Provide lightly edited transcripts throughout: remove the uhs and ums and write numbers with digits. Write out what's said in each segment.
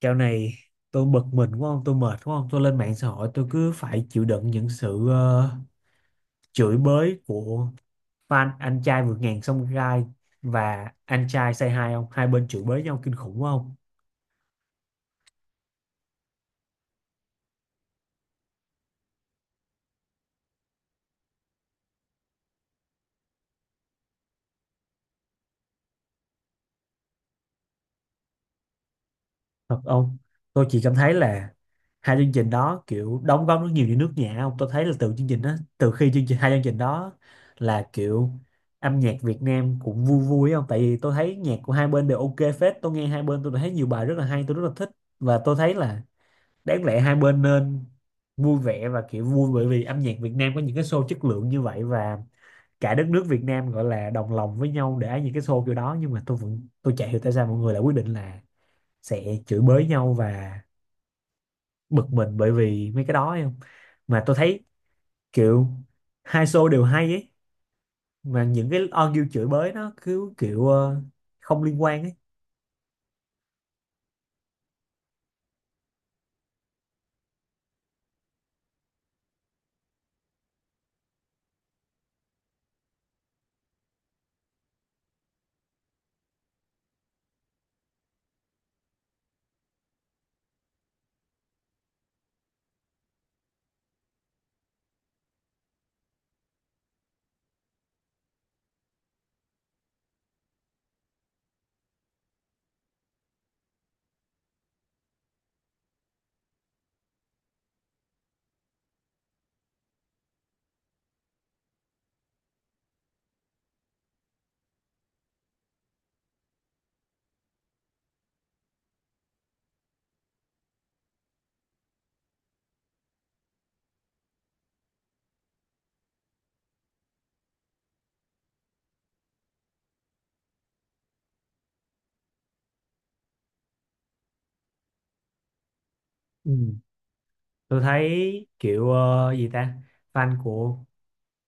Dạo này tôi bực mình đúng không? Tôi mệt đúng không? Tôi lên mạng xã hội tôi cứ phải chịu đựng những sự chửi bới của fan anh trai vượt ngàn sông gai và anh trai say hi ông. Hai bên chửi bới nhau kinh khủng đúng không? Thật ông. Tôi chỉ cảm thấy là hai chương trình đó kiểu đóng góp rất nhiều cho nước nhà ông. Tôi thấy là từ chương trình đó, từ khi chương trình hai chương trình đó là kiểu âm nhạc Việt Nam cũng vui vui không? Tại vì tôi thấy nhạc của hai bên đều ok phết. Tôi nghe hai bên tôi thấy nhiều bài rất là hay, tôi rất là thích và tôi thấy là đáng lẽ hai bên nên vui vẻ và kiểu vui bởi vì âm nhạc Việt Nam có những cái show chất lượng như vậy và cả đất nước Việt Nam gọi là đồng lòng với nhau để những cái show kiểu đó, nhưng mà tôi chả hiểu tại sao mọi người lại quyết định là sẽ chửi bới nhau và bực mình bởi vì mấy cái đó ấy không, mà tôi thấy kiểu hai show đều hay ấy, mà những cái argue chửi bới nó cứ kiểu không liên quan ấy. Ừ. Tôi thấy kiểu gì ta, fan của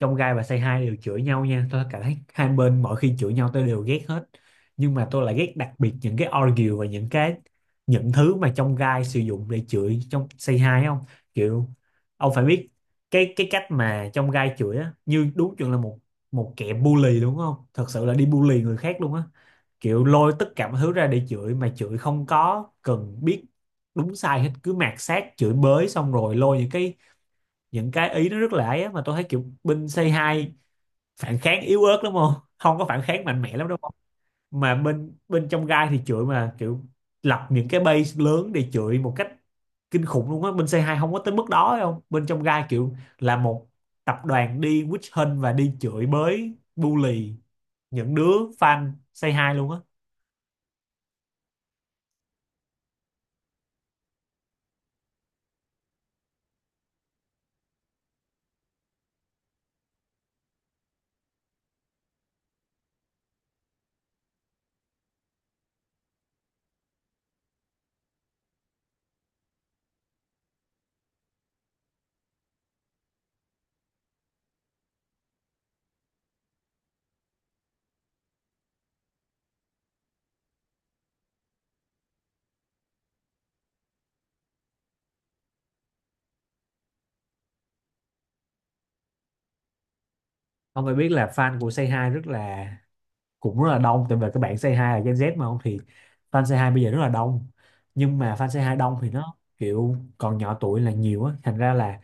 trong gai và say hi đều chửi nhau nha, tôi cảm thấy hai bên mỗi khi chửi nhau tôi đều ghét hết, nhưng mà tôi lại ghét đặc biệt những cái argue và những thứ mà trong gai sử dụng để chửi trong say hi không. Kiểu ông phải biết cái cách mà trong gai chửi á như đúng chuẩn là một một kẻ bully đúng không, thật sự là đi bully người khác luôn á, kiểu lôi tất cả mọi thứ ra để chửi mà chửi không có cần biết đúng sai hết, cứ mạt sát chửi bới xong rồi lôi những cái ý nó rất là ấy á, mà tôi thấy kiểu binh c hai phản kháng yếu ớt lắm không, không có phản kháng mạnh mẽ lắm đâu không. Mà bên bên trong gai thì chửi mà kiểu lập những cái base lớn để chửi một cách kinh khủng luôn á, bên c hai không có tới mức đó phải không, bên trong gai kiểu là một tập đoàn đi witch hunt và đi chửi bới bully những đứa fan c hai luôn á. Ông phải biết là fan của c hai rất là cũng rất là đông, tại vì các bạn c hai là Gen Z mà không, thì fan c hai bây giờ rất là đông, nhưng mà fan c hai đông thì nó kiểu còn nhỏ tuổi là nhiều á, thành ra là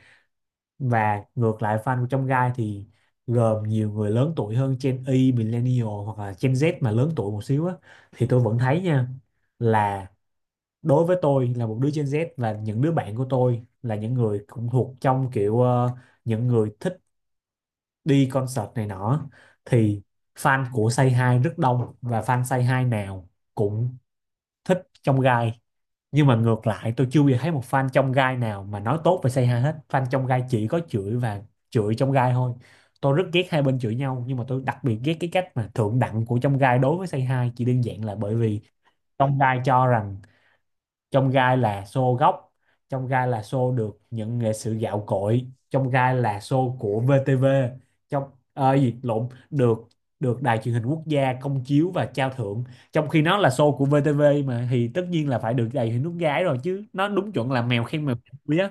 và ngược lại fan của trong gai thì gồm nhiều người lớn tuổi hơn, Gen Y, Millennial hoặc là Gen Z mà lớn tuổi một xíu á, thì tôi vẫn thấy nha là đối với tôi là một đứa Gen Z và những đứa bạn của tôi là những người cũng thuộc trong kiểu những người thích đi concert này nọ thì fan của Say Hi rất đông và fan Say Hi nào cũng thích trong gai, nhưng mà ngược lại tôi chưa bao giờ thấy một fan trong gai nào mà nói tốt về Say Hi hết, fan trong gai chỉ có chửi và chửi trong gai thôi. Tôi rất ghét hai bên chửi nhau nhưng mà tôi đặc biệt ghét cái cách mà thượng đẳng của trong gai đối với Say Hi chỉ đơn giản là bởi vì trong gai cho rằng trong gai là show gốc, trong gai là show được nhận nghệ sĩ gạo cội, trong gai là show của VTV, trong ờ, gì lộn được được đài truyền hình quốc gia công chiếu và trao thưởng. Trong khi nó là show của VTV mà thì tất nhiên là phải được đài truyền hình quốc gia ấy rồi, chứ nó đúng chuẩn là mèo khen mèo quý á.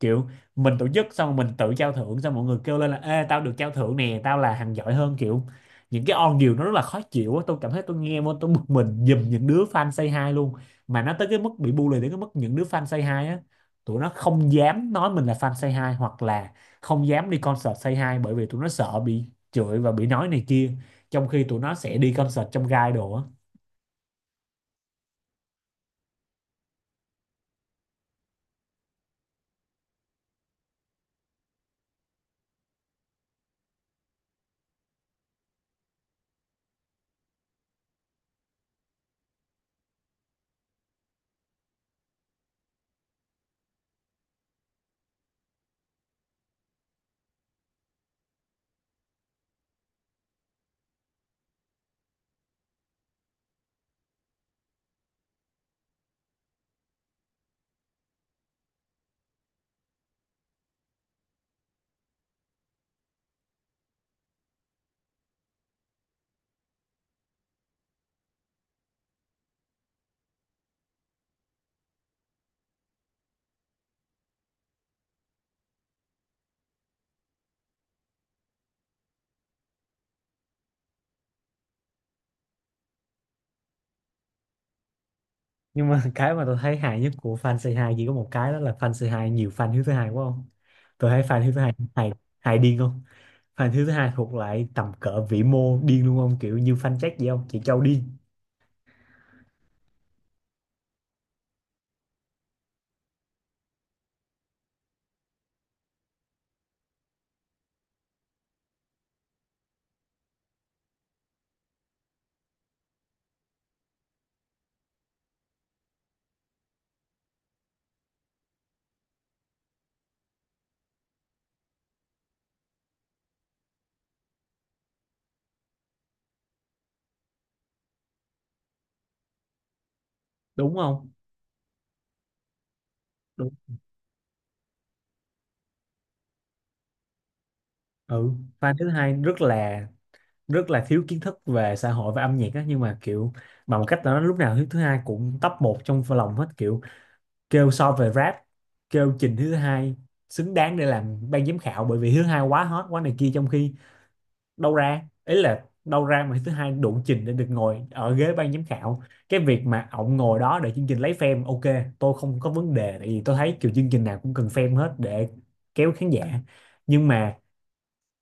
Kiểu mình tổ chức xong rồi mình tự trao thưởng xong mọi người kêu lên là ê tao được trao thưởng nè tao là thằng giỏi hơn, kiểu những cái on điều nó rất là khó chịu á. Tôi cảm thấy tôi nghe vô tôi bực mình giùm những đứa fan say hi luôn, mà nó tới cái mức bị bully đến cái mức những đứa fan Say Hi á tụi nó không dám nói mình là fan Say Hi hoặc là không dám đi concert Say Hi bởi vì tụi nó sợ bị chửi và bị nói này kia, trong khi tụi nó sẽ đi concert trong gai đồ á. Nhưng mà cái mà tôi thấy hài nhất của fan Say Hi chỉ có một cái đó là fan Say Hi nhiều fan Hiếu thứ hai quá không. Tôi thấy fan Hiếu thứ hai hài, hài điên không, fan Hiếu thứ hai thuộc lại tầm cỡ vĩ mô điên luôn không, kiểu như fan Jack vậy không, chị Châu điên đúng không. Đúng. Ừ, fan Hiếu thứ hai rất là thiếu kiến thức về xã hội và âm nhạc á, nhưng mà kiểu bằng một cách là nó lúc nào thứ thứ hai cũng top một trong lòng hết, kiểu kêu so về rap, kêu trình thứ hai xứng đáng để làm ban giám khảo bởi vì thứ hai quá hot quá này kia, trong khi đâu ra mà thứ hai đủ trình để được ngồi ở ghế ban giám khảo. Cái việc mà ổng ngồi đó để chương trình lấy fame ok tôi không có vấn đề, tại vì tôi thấy kiểu chương trình nào cũng cần fame hết để kéo khán giả, nhưng mà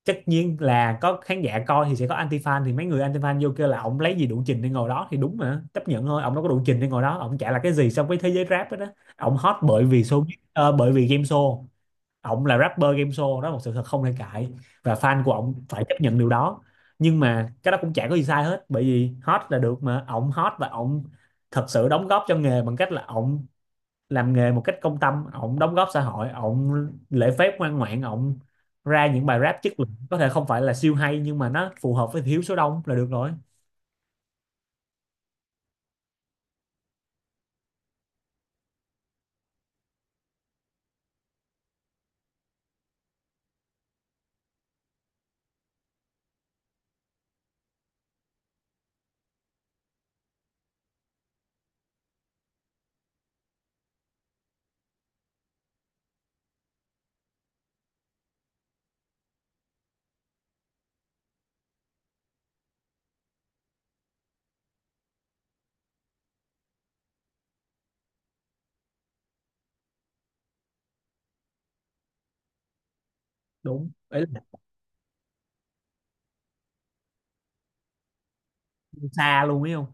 tất nhiên là có khán giả coi thì sẽ có anti fan, thì mấy người anti fan vô kêu là ông lấy gì đủ trình để ngồi đó thì đúng, mà chấp nhận thôi, ông đâu có đủ trình để ngồi đó, ông chả là cái gì so với thế giới rap đó, Ông hot bởi vì show, bởi vì game show, ông là rapper game show, đó là một sự thật không thể cãi và fan của ông phải chấp nhận điều đó. Nhưng mà cái đó cũng chả có gì sai hết bởi vì hot là được mà, ông hot và ông thật sự đóng góp cho nghề bằng cách là ông làm nghề một cách công tâm, ổng đóng góp xã hội, ổng lễ phép ngoan ngoãn, ổng ra những bài rap chất lượng có thể không phải là siêu hay nhưng mà nó phù hợp với thiếu số đông là được rồi. Đúng ấy, là xa luôn ấy không,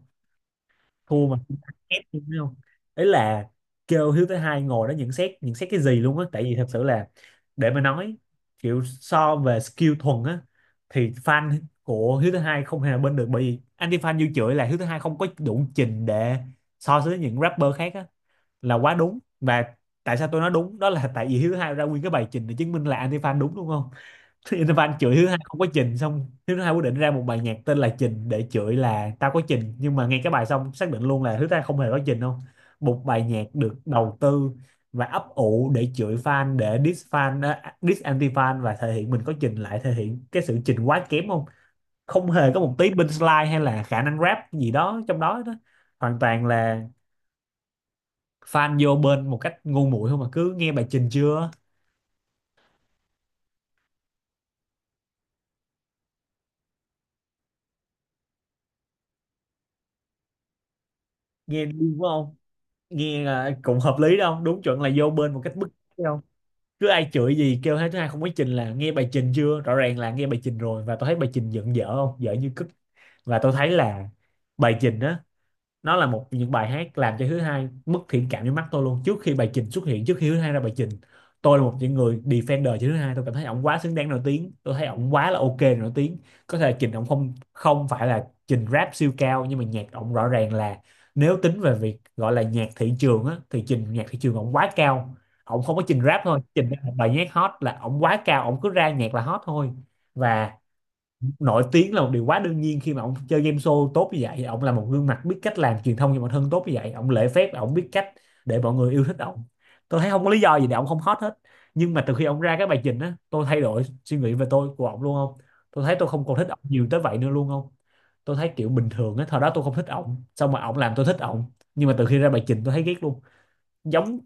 thua mà cũng thắng kép luôn ấy không. Ấy là kêu Hiếu thứ hai ngồi đó nhận xét, nhận xét cái gì luôn á, tại vì thật sự là để mà nói kiểu so về skill thuần á thì fan của Hiếu thứ hai không hề bên được, bởi vì anti fan như chửi là Hiếu thứ hai không có đủ trình để so sánh với những rapper khác á là quá đúng. Và tại sao tôi nói đúng đó là tại vì Hiếu thứ hai ra nguyên cái bài trình để chứng minh là anti-fan đúng, đúng không. Anti-fan chửi Hiếu thứ hai không có trình, xong Hiếu thứ hai quyết định ra một bài nhạc tên là trình để chửi là tao có trình, nhưng mà nghe cái bài xong xác định luôn là Hiếu thứ hai không hề có trình không. Một bài nhạc được đầu tư và ấp ủ để chửi fan, để diss fan, diss anti-fan và thể hiện mình có trình lại thể hiện cái sự trình quá kém không, không hề có một tí bên slide hay là khả năng rap gì đó trong đó đó, hoàn toàn là fan vô bên một cách ngu muội không, mà cứ nghe bài trình chưa, nghe đúng không, nghe là cũng hợp lý đâu đúng chuẩn là vô bên một cách bức bách không, cứ ai chửi gì kêu thế thứ hai không có trình là nghe bài trình chưa, rõ ràng là nghe bài trình rồi và tôi thấy bài trình giận dở không, dở như cứt. Và tôi thấy là bài trình á nó là một những bài hát làm cho thứ hai mất thiện cảm với mắt tôi luôn. Trước khi bài trình xuất hiện, trước khi thứ hai ra bài trình, tôi là một những người defender cho thứ hai, tôi cảm thấy ổng quá xứng đáng nổi tiếng, tôi thấy ổng quá là ok để nổi tiếng. Có thể trình ổng không, không phải là trình rap siêu cao, nhưng mà nhạc ổng rõ ràng là nếu tính về việc gọi là nhạc thị trường á thì trình nhạc thị trường ổng quá cao, ổng không có trình rap thôi, trình ra một bài nhạc hot là ổng quá cao, ổng cứ ra nhạc là hot thôi và nổi tiếng là một điều quá đương nhiên khi mà ông chơi game show tốt như vậy, ông là một gương mặt biết cách làm truyền thông cho bản thân tốt như vậy, ông lễ phép, ông biết cách để mọi người yêu thích ông, tôi thấy không có lý do gì để ông không hot hết. Nhưng mà từ khi ông ra cái bài trình á tôi thay đổi suy nghĩ về tôi của ông luôn không, tôi thấy tôi không còn thích ông nhiều tới vậy nữa luôn không. Tôi thấy kiểu bình thường á, thời đó tôi không thích ông xong mà ông làm tôi thích ông, nhưng mà từ khi ra bài trình tôi thấy ghét luôn. Giống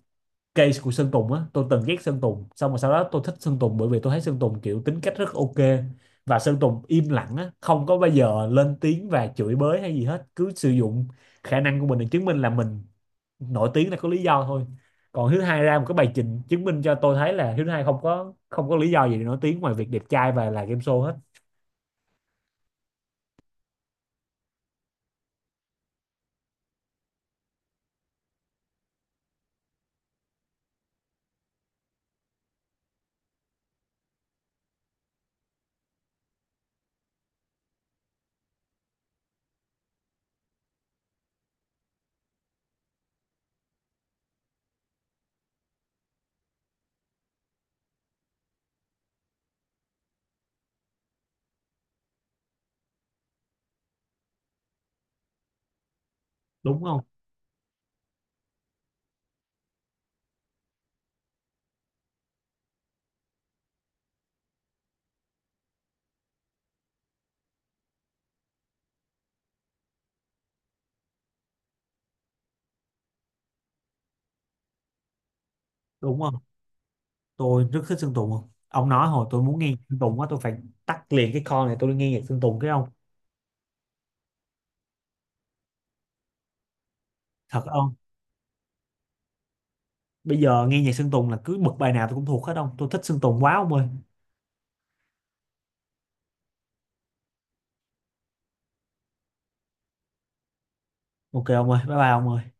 case của Sơn Tùng á, tôi từng ghét Sơn Tùng xong rồi sau đó tôi thích Sơn Tùng bởi vì tôi thấy Sơn Tùng kiểu tính cách rất ok và Sơn Tùng im lặng á, không có bao giờ lên tiếng và chửi bới hay gì hết, cứ sử dụng khả năng của mình để chứng minh là mình nổi tiếng là có lý do thôi. Còn Hiếu Hai ra một cái bài trình chứng minh cho tôi thấy là Hiếu Hai không có lý do gì để nổi tiếng ngoài việc đẹp trai và là game show hết. Đúng không. Đúng không. Tôi rất thích Sơn Tùng không ông, nói hồi tôi muốn nghe Sơn Tùng á tôi phải tắt liền cái con này tôi đi nghe nhạc Sơn Tùng cái không. Thật không, bây giờ nghe nhạc Sơn Tùng là cứ bật bài nào tôi cũng thuộc hết ông, tôi thích Sơn Tùng quá ông ơi. Ok ông ơi, bye bye ông ơi.